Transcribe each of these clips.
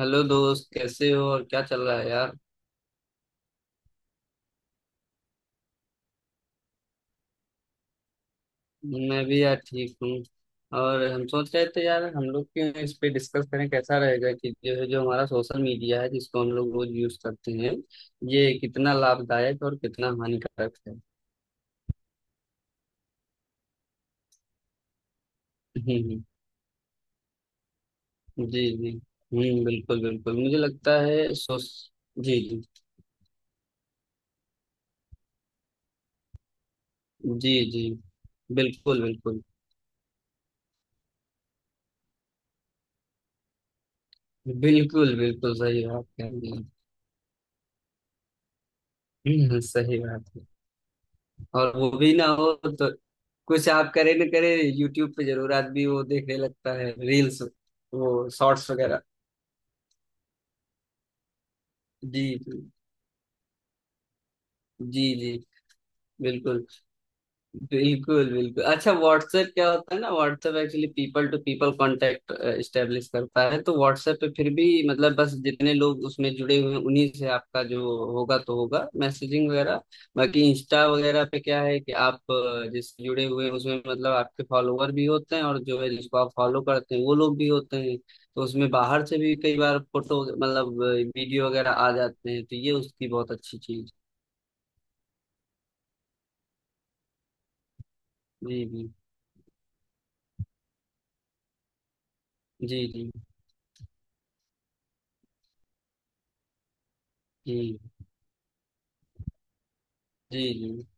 Hello दोस्त, कैसे हो और क्या चल रहा है यार। मैं भी यार ठीक हूँ। और हम सोच रहे थे यार, हम लोग क्यों इस पे डिस्कस करें, कैसा रहेगा कि जो है जो हमारा सोशल मीडिया है, जिसको हम लोग रोज यूज करते हैं, ये कितना लाभदायक और कितना हानिकारक है। हम्म, हम्म। जी जी। बिल्कुल बिल्कुल, मुझे लगता है सोश जी जी जी। जी बिल्कुल बिल्कुल। बिल्कुल बिल्कुल सही बात कह रही हैं। सही बात है। और वो भी ना हो तो कुछ आप करे न करे, यूट्यूब पे जरूर आदमी वो देखने लगता है रील्स, वो शॉर्ट्स वगैरह। जी जी जी जी। बिल्कुल। बिल्कुल बिल्कुल। अच्छा, व्हाट्सएप क्या होता है ना, WhatsApp actually people to people contact establish करता है, तो व्हाट्सएप पे फिर भी मतलब बस जितने लोग उसमें जुड़े हुए हैं उन्हीं से आपका जो होगा तो होगा, मैसेजिंग वगैरह। बाकी इंस्टा वगैरह पे क्या है कि आप जिससे जुड़े हुए हैं उसमें मतलब आपके फॉलोवर भी होते हैं, और जो है जिसको आप फॉलो करते हैं वो लोग भी होते हैं, तो उसमें बाहर से भी कई बार फोटो, मतलब वीडियो वगैरह आ जाते हैं, तो ये उसकी बहुत अच्छी चीज। जी जी जी जी जी जी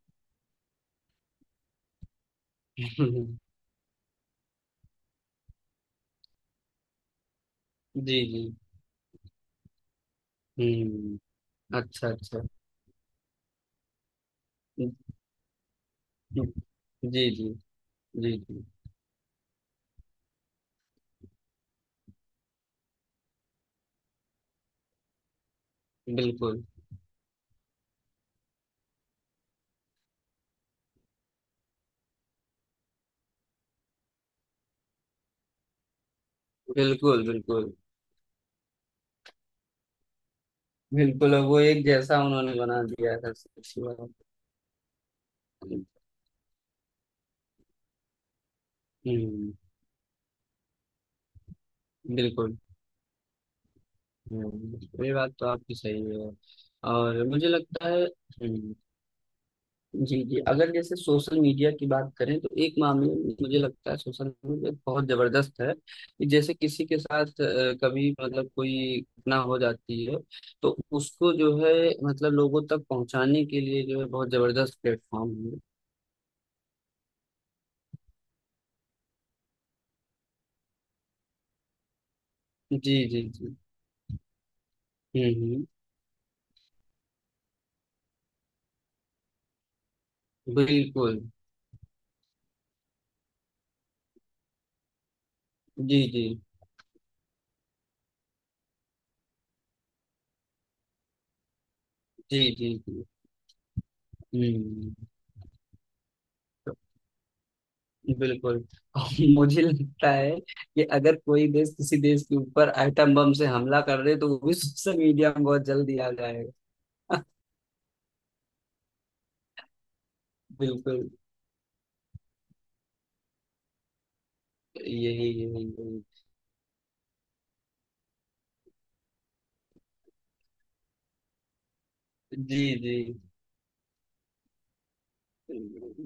जी जी, जी। हुँ, अच्छा, अच्छा। हुँ, हुँ। जी, जी। जी, जी। बिल्कुल, बिल्कुल, बिल्कुल। बिल्कुल, अब वो एक जैसा उन्होंने बना दिया है, सबसे अच्छी बात। हुँ, बिल्कुल। हुँ, ये बात तो आपकी सही है। और मुझे लगता है हुँ। जी जी, अगर जैसे सोशल मीडिया की बात करें तो एक मामले में मुझे लगता है सोशल मीडिया बहुत जबरदस्त है कि जैसे किसी के साथ कभी मतलब कोई घटना हो जाती है, तो उसको जो है मतलब लोगों तक पहुंचाने के लिए जो है बहुत जबरदस्त प्लेटफॉर्म है। जी जी जी। हम्म। बिल्कुल। जी जी जी जी जी। हम्म। बिल्कुल और मुझे लगता है कि अगर कोई देश किसी देश के ऊपर आइटम बम से हमला कर दे, तो वो भी सोशल मीडिया में बहुत जल्दी आ जाएगा। बिल्कुल। यही यही यही। जी जी।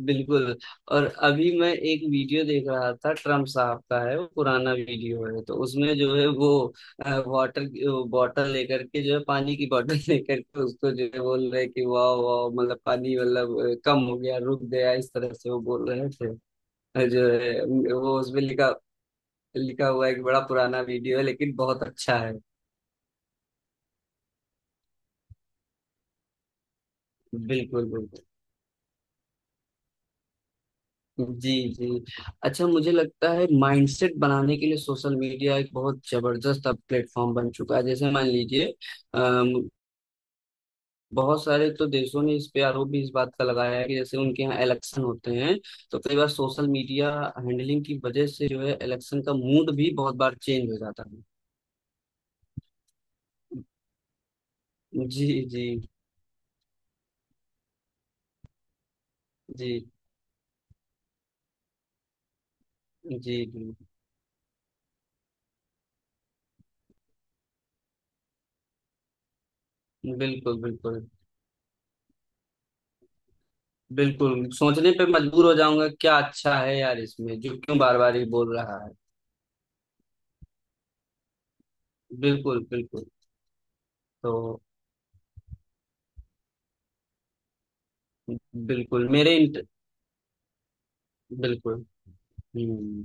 बिल्कुल। और अभी मैं एक वीडियो देख रहा था, ट्रम्प साहब का है, वो पुराना वीडियो है, तो उसमें जो है वो वाटर बॉटल लेकर के, जो है, पानी की बॉटल लेकर के उसको जो है बोल रहे हैं कि वाह वाह, मतलब पानी मतलब कम हो गया, रुक गया, इस तरह से वो बोल रहे थे। जो है वो उसमें लिखा लिखा हुआ है कि बड़ा पुराना वीडियो है, लेकिन बहुत अच्छा है। बिल्कुल बिल्कुल। जी जी। अच्छा, मुझे लगता है माइंडसेट बनाने के लिए सोशल मीडिया एक बहुत जबरदस्त अब प्लेटफॉर्म बन चुका है, जैसे मान लीजिए अम, बहुत सारे तो देशों ने इस पे आरोप भी इस बात का लगाया है कि जैसे उनके यहाँ इलेक्शन होते हैं, तो कई बार सोशल मीडिया हैंडलिंग की वजह से जो है इलेक्शन का मूड भी बहुत बार चेंज हो जाता है। जी जी जी जी जी। बिल्कुल बिल्कुल। बिल्कुल सोचने पे मजबूर हो जाऊंगा, क्या अच्छा है यार इसमें, जो क्यों बार बार ही बोल रहा है। बिल्कुल बिल्कुल। तो बिल्कुल मेरे इंट बिल्कुल। हम्म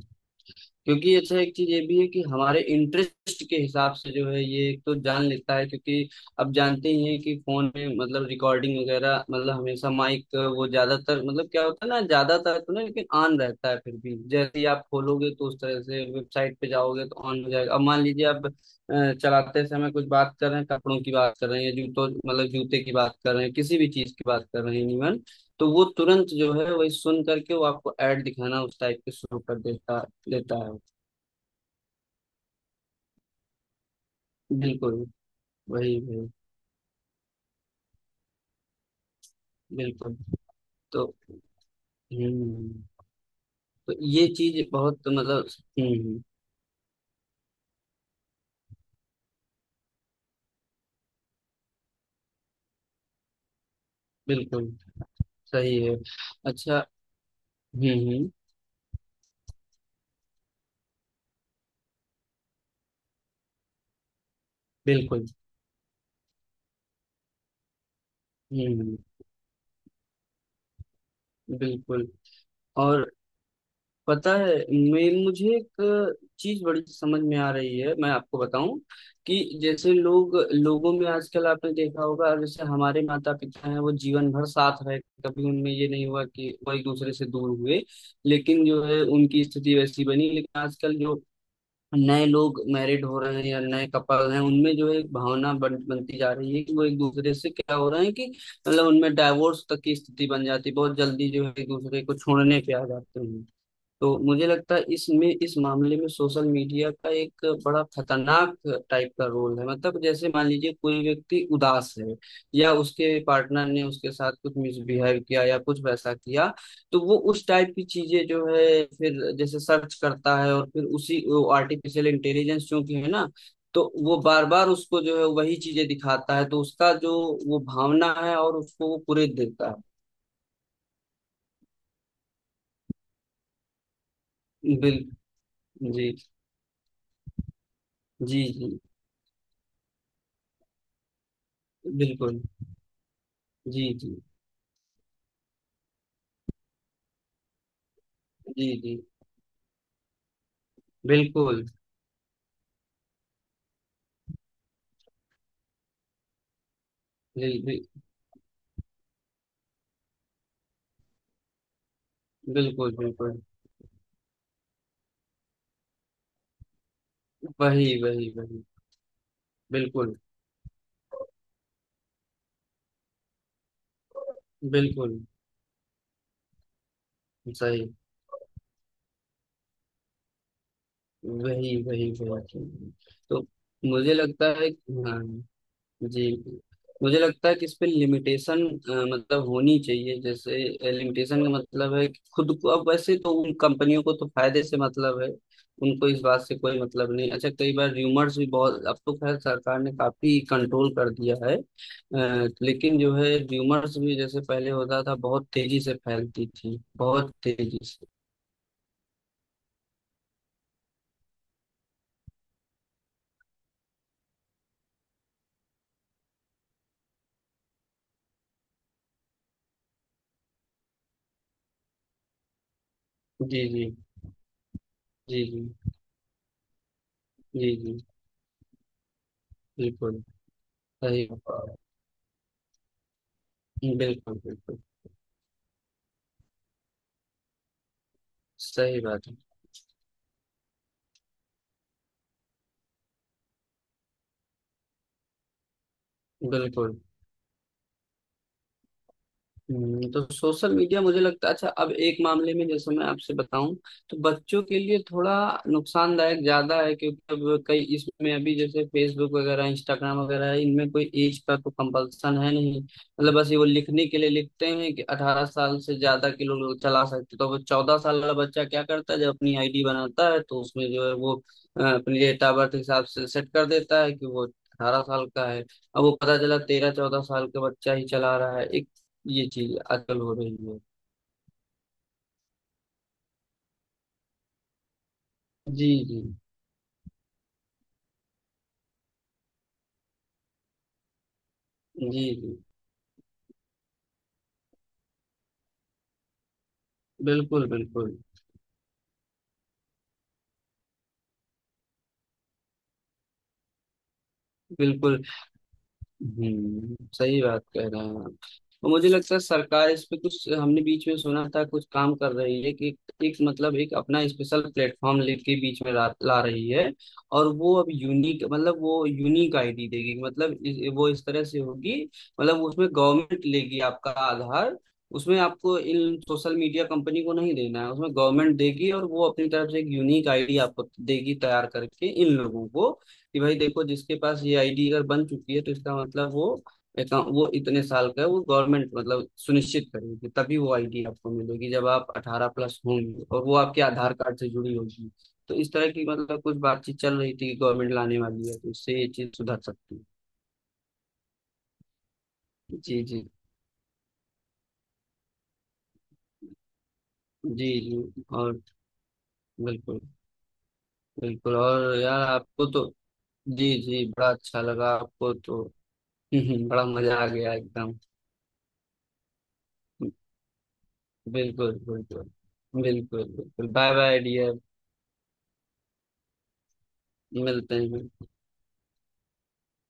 क्योंकि अच्छा एक चीज ये भी है कि हमारे इंटरेस्ट के हिसाब से जो है ये एक तो जान लेता है, क्योंकि अब जानते ही हैं कि फोन में मतलब रिकॉर्डिंग वगैरह, मतलब हमेशा माइक वो ज्यादातर, मतलब क्या होता है ना, ज्यादातर तो नहीं लेकिन ऑन रहता है, फिर भी जैसे ही आप खोलोगे तो उस तरह से वेबसाइट पे जाओगे तो ऑन हो जाएगा, अब मान लीजिए आप चलाते समय कुछ बात कर रहे हैं, कपड़ों की बात कर रहे हैं या जूतों मतलब जूते की बात कर रहे हैं, किसी भी चीज की बात कर रहे हैं इवन, तो वो तुरंत जो है वही सुन करके वो आपको ऐड दिखाना उस टाइप के शुरू कर देता देता है। बिल्कुल, वही वही, बिल्कुल। तो हम्म, तो ये चीज़ बहुत मतलब हम्म, बिल्कुल सही है। अच्छा, हम्म हम्म, बिल्कुल, हम्म, बिल्कुल। और पता है, मैं मुझे एक चीज़ बड़ी समझ में आ रही है, मैं आपको बताऊं कि जैसे लोग लोगों में आजकल आपने देखा होगा, जैसे हमारे माता पिता हैं, वो जीवन भर साथ रहे, कभी उनमें ये नहीं हुआ कि वो एक दूसरे से दूर हुए। लेकिन जो है उनकी स्थिति वैसी बनी, लेकिन आजकल जो नए लोग मैरिड हो रहे हैं या नए कपल हैं, उनमें जो है एक भावना बनती जा रही है कि वो एक दूसरे से क्या हो रहे हैं कि, मतलब उनमें डाइवोर्स तक की स्थिति बन जाती है, बहुत जल्दी जो है एक दूसरे को छोड़ने पे आ जाते हैं। तो मुझे लगता है इसमें इस मामले में सोशल मीडिया का एक बड़ा खतरनाक टाइप का रोल है, मतलब जैसे मान लीजिए कोई व्यक्ति उदास है, या उसके पार्टनर ने उसके साथ कुछ मिसबिहेव किया या कुछ वैसा किया, तो वो उस टाइप की चीजें जो है फिर जैसे सर्च करता है, और फिर उसी आर्टिफिशियल इंटेलिजेंस चूंकि है ना, तो वो बार बार उसको जो है वही चीजें दिखाता है, तो उसका जो वो भावना है और उसको वो पूरे देता है बिल जी जी जी। बिल्कुल। जी जी जी जी। बिल्कुल। जी बिल्कुल बिल्कुल। वही वही वही। बिल्कुल बिल्कुल सही। वही वही वही। तो मुझे लगता है। हाँ। जी। मुझे लगता है कि इस पे लिमिटेशन मतलब होनी चाहिए, जैसे लिमिटेशन का मतलब है कि खुद को अब, वैसे तो उन कंपनियों को तो फायदे से मतलब है, उनको इस बात से कोई मतलब नहीं। अच्छा, कई बार र्यूमर्स भी बहुत, अब तो खैर सरकार ने काफी कंट्रोल कर दिया है, लेकिन जो है र्यूमर्स भी जैसे पहले होता था बहुत तेजी से फैलती थी, बहुत तेजी से। जी जी जी जी जी जी। बिल्कुल सही। बिल्कुल बिल्कुल सही बात है। बिल्कुल। तो सोशल मीडिया मुझे लगता है, अच्छा अब एक मामले में जैसे मैं आपसे बताऊं, तो बच्चों के लिए थोड़ा नुकसानदायक ज्यादा है, क्योंकि अब कई इसमें अभी जैसे फेसबुक वगैरह इंस्टाग्राम वगैरह है, इनमें कोई एज का तो कंपल्सन है नहीं, मतलब बस ये वो लिखने के लिए लिखते हैं कि 18 साल से ज्यादा के लोग चला सकते, तो वो 14 साल वाला बच्चा क्या करता है जब अपनी आईडी बनाता है तो उसमें जो है वो अपने डेट ऑफ बर्थ के हिसाब से सेट कर देता है कि वो 18 साल का है। अब वो पता चला 13-14 साल का बच्चा ही चला रहा है, एक ये चीज अकल हो रही है। जी जी जी जी। बिल्कुल बिल्कुल। बिल्कुल। सही बात कह रहे हैं आप। और मुझे लगता है सरकार इस पे, कुछ हमने बीच में सुना था कुछ काम कर रही है कि एक मतलब एक अपना स्पेशल प्लेटफॉर्म लेके बीच में ला रही है, और वो अब यूनिक मतलब वो यूनिक आईडी देगी, मतलब वो इस तरह से होगी, मतलब उसमें गवर्नमेंट लेगी आपका आधार, उसमें आपको इन सोशल मीडिया कंपनी को नहीं देना है, उसमें गवर्नमेंट देगी और वो अपनी तरफ से एक यूनिक आईडी आपको देगी तैयार करके इन लोगों को, कि भाई देखो जिसके पास ये आईडी अगर बन चुकी है तो इसका मतलब वो अकाउंट वो इतने साल का है, वो गवर्नमेंट मतलब सुनिश्चित करेगी तभी वो आईडी आपको मिलेगी जब आप 18 प्लस होंगे और वो आपके आधार कार्ड से जुड़ी होगी, तो इस तरह की मतलब कुछ बातचीत चल रही थी कि गवर्नमेंट लाने वाली है, तो इससे ये चीज सुधर सकती है। जी जी जी जी। और बिल्कुल बिल्कुल। और यार आपको तो जी जी, बड़ा अच्छा लगा आपको तो। बड़ा मजा आ गया एकदम। बिल्कुल बिल्कुल। बिल्कुल बिल्कुल। Bye bye dear. मिलते हैं।